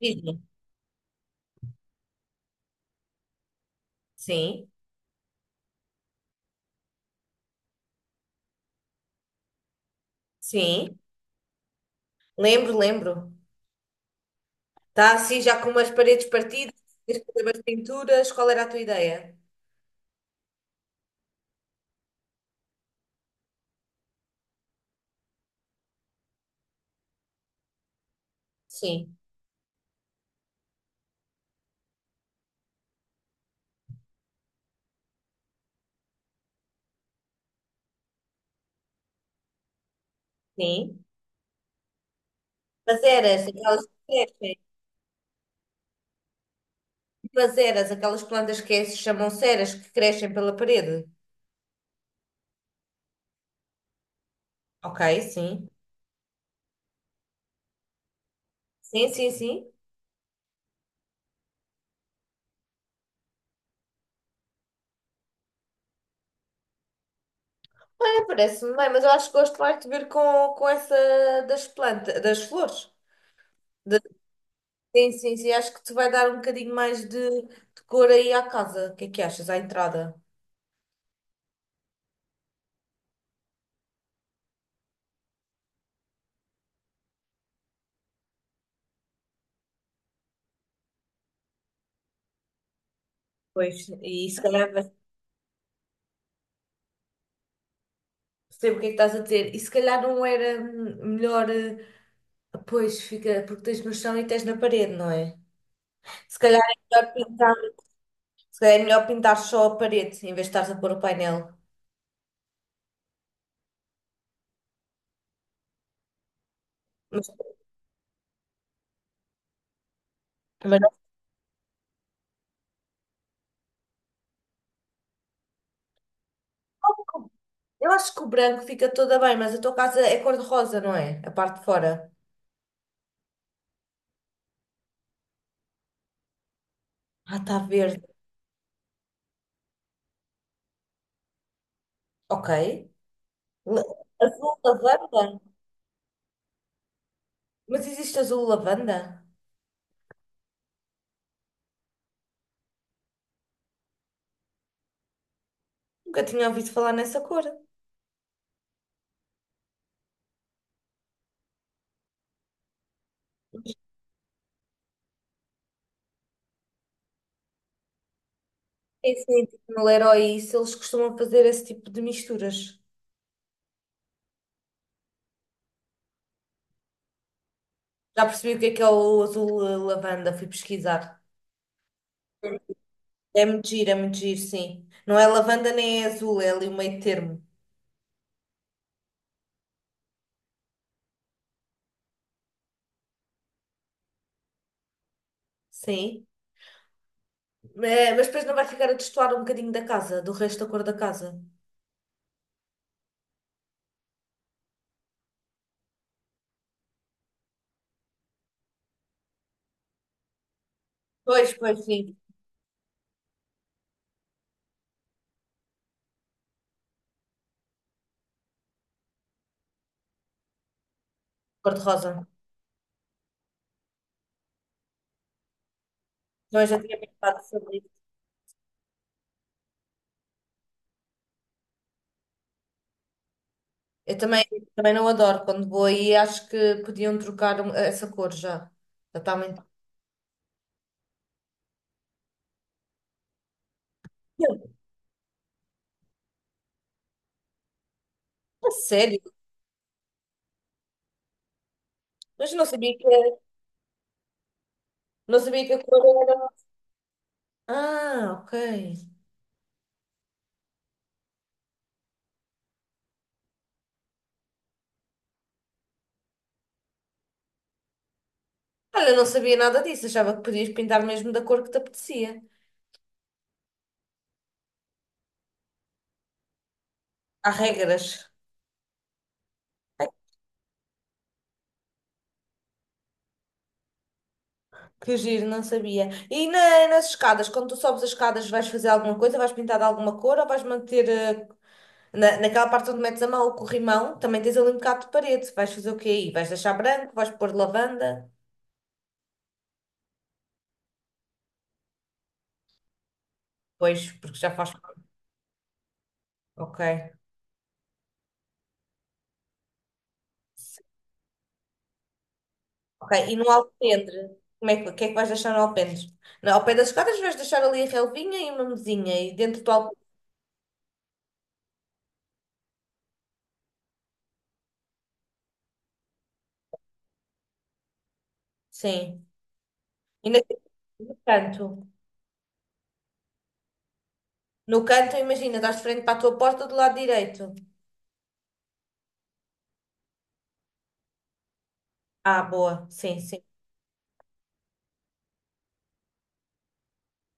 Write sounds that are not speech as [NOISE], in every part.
Sim, sim, sim. Lembro, lembro. Está assim já com umas paredes partidas, tens que fazer as pinturas. Qual era a tua ideia? Sim, sim. As eras, aquelas que crescem. Tipo As eras, aquelas plantas que se chamam ceras, que crescem pela parede. Ok, sim. Sim, sim, sim. É, parece-me bem, mas eu acho que gosto mais de ver com, essa das plantas, das flores. Da- sim, sim, sim. Acho que te vai dar um bocadinho mais de cor aí à casa. O que é que achas? À entrada. Pois, e se calhar vai. Sei o que é que estás a dizer. E se calhar não era melhor. Pois fica, porque tens no chão e tens na parede, não é? Se calhar é melhor pintar, se calhar é melhor pintar só a parede em vez de estares a pôr o painel. Mas, mas não- eu acho que o branco fica toda bem, mas a tua casa é cor-de-rosa, não é? A parte de fora. Ah, está verde. Ok. La- Azul lavanda? Mas existe azul lavanda? Nunca tinha ouvido falar nessa cor. Sim, sim, tipo no Leroy, e isso, eles costumam fazer esse tipo de misturas. Já percebi o que é o azul lavanda, fui pesquisar. É muito giro, sim. Não é lavanda nem é azul, é ali o meio termo. Sim. É, mas depois não vai ficar a destoar um bocadinho da casa, do resto da cor da casa. Pois, pois, sim. Cor de rosa. Então eu já tinha pensado sobre isso. Eu também, também não adoro quando vou aí, acho que podiam trocar essa cor já. Já está muito. Eu, a sério? Mas eu não sabia não sabia que a cor era. Ah, ok. Olha, eu não sabia nada disso, achava que podias pintar mesmo da cor que te apetecia. Há regras. Ai, que giro, não sabia. E nas escadas, quando tu sobes as escadas, vais fazer alguma coisa? Vais pintar de alguma cor ou vais manter na, naquela parte onde metes a mão, o corrimão? Também tens ali um bocado de parede. Vais fazer o quê aí? Vais deixar branco? Vais pôr lavanda? Pois, porque já faz. Ok. Ok. E no alpendre? Como é que, o que é que vais deixar no alpendre? No, ao pé das escadas vais deixar ali a relvinha e uma mesinha e dentro do alpendre. Sim. Ainda tem no canto. No canto, imagina, estás de frente para a tua porta do lado direito. Ah, boa. Sim, sim.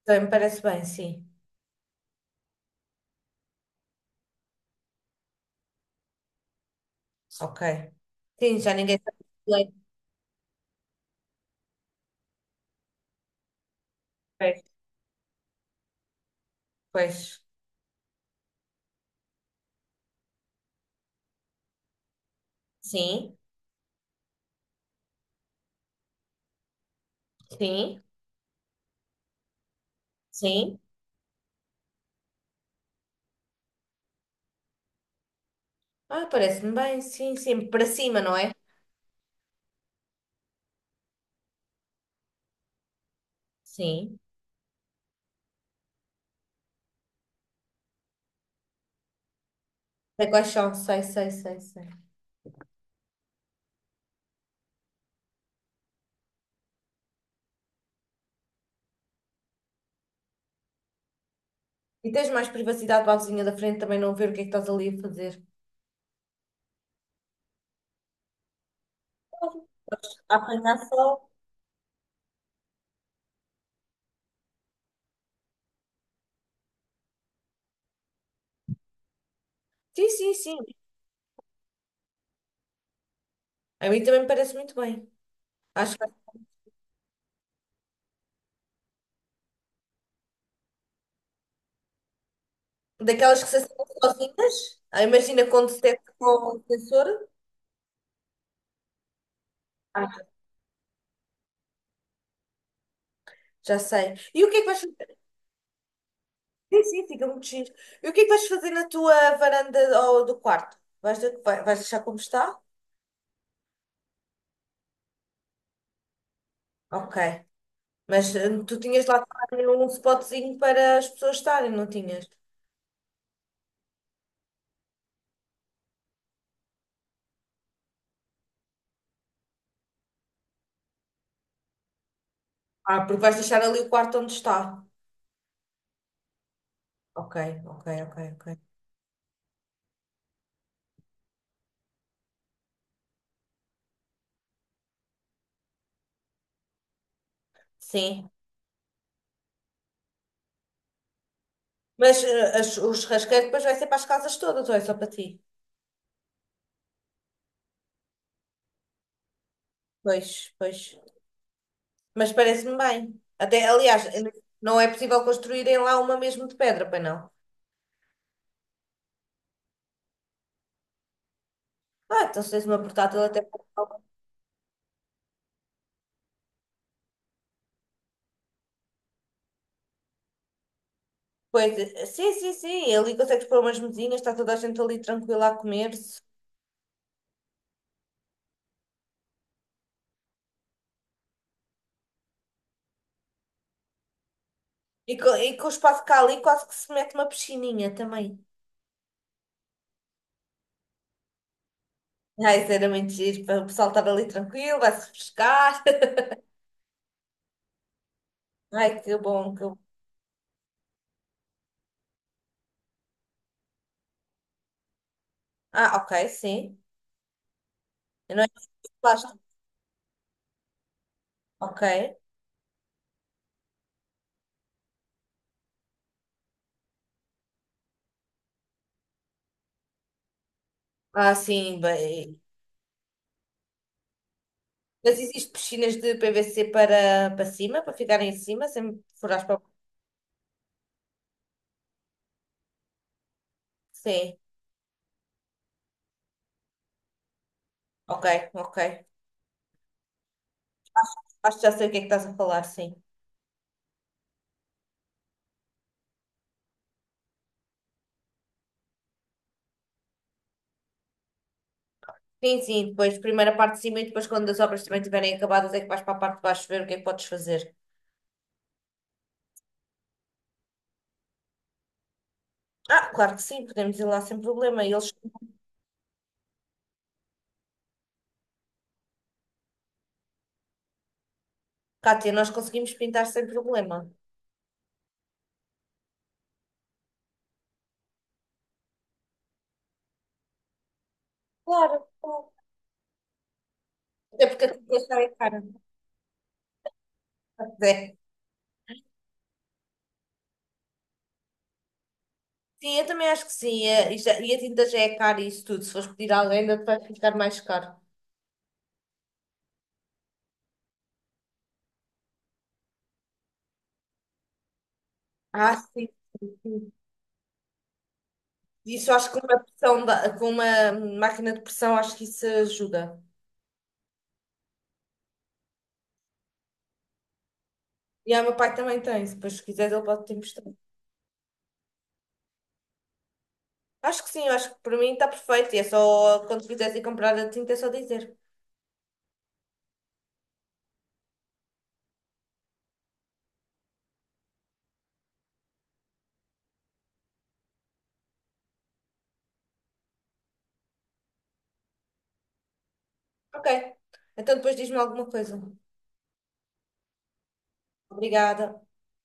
Também me parece bem, sim. Ok. Sim, já ninguém sabe o que é. Pois, pois. Sim, sim, sim. Ah, parece-me bem, sim, sim. Para cima, não é? Sim. Sei quais são, sei, sei, sei, sei. E tens mais privacidade para a vizinha da frente também não ver o que é que estás ali a fazer. A apanhar sol? Sim, sim, sim. A mim também me parece muito bem. Acho. Daquelas que se assinam sozinhas? Ah, imagina com detecta com o sensor? Ah, já sei. E o que é que vais fazer? Sim, sim, fica muito giro. E o que é que vais fazer na tua varanda ou do quarto? Vais deixar como está? Ok. Mas tu tinhas lá também um spotzinho para as pessoas estarem, não tinhas? Ah, porque vais deixar ali o quarto onde está. Ok, ok, ok, ok. Sim. Mas o churrasqueiro depois vai ser para as casas todas, ou é só para ti? Pois, pois. Mas parece-me bem. Até, aliás, não é possível construírem lá uma mesmo de pedra, pois não? Ah, então se tens uma portátil até para coisa. Sim, sim, sim, ali consegues pôr umas mesinhas, está toda a gente ali tranquila a comer-se. O espaço cá ali quase que se mete uma piscininha também. Ai, isso era muito giro, para o pessoal estar ali tranquilo, vai-se refrescar. [LAUGHS] Ai, que bom, que bom. Ah, ok, sim. Não é de plástico. Ok. Ah, sim, bem. Mas existe piscinas de PVC para, para cima, para ficarem em cima, sem furar para. Sim, ok, ok. Acho que já sei o que é que estás a falar, sim. Sim, sim, depois primeira parte de cima e depois quando as obras também estiverem acabadas é que vais para a parte de baixo ver o que é que podes fazer. Ah, claro que sim, podemos ir lá sem problema. E eles, Cátia, nós conseguimos pintar sem problema. Claro, claro. Até porque a tinta já é cara. É. Sim, eu também acho que sim. E e a tinta já é cara e isso tudo. Se fores pedir a alguém, ainda te vai ficar mais caro. Ah, sim, sim, sim. Isso acho que com uma com uma máquina de pressão acho que isso ajuda. E o meu pai também tem, se depois quiseres ele pode te mostrar. Acho que sim, acho que para mim está perfeito. E é só, quando quiseres ir comprar a tinta, é só dizer. Ok, então depois diz-me alguma coisa. Obrigada.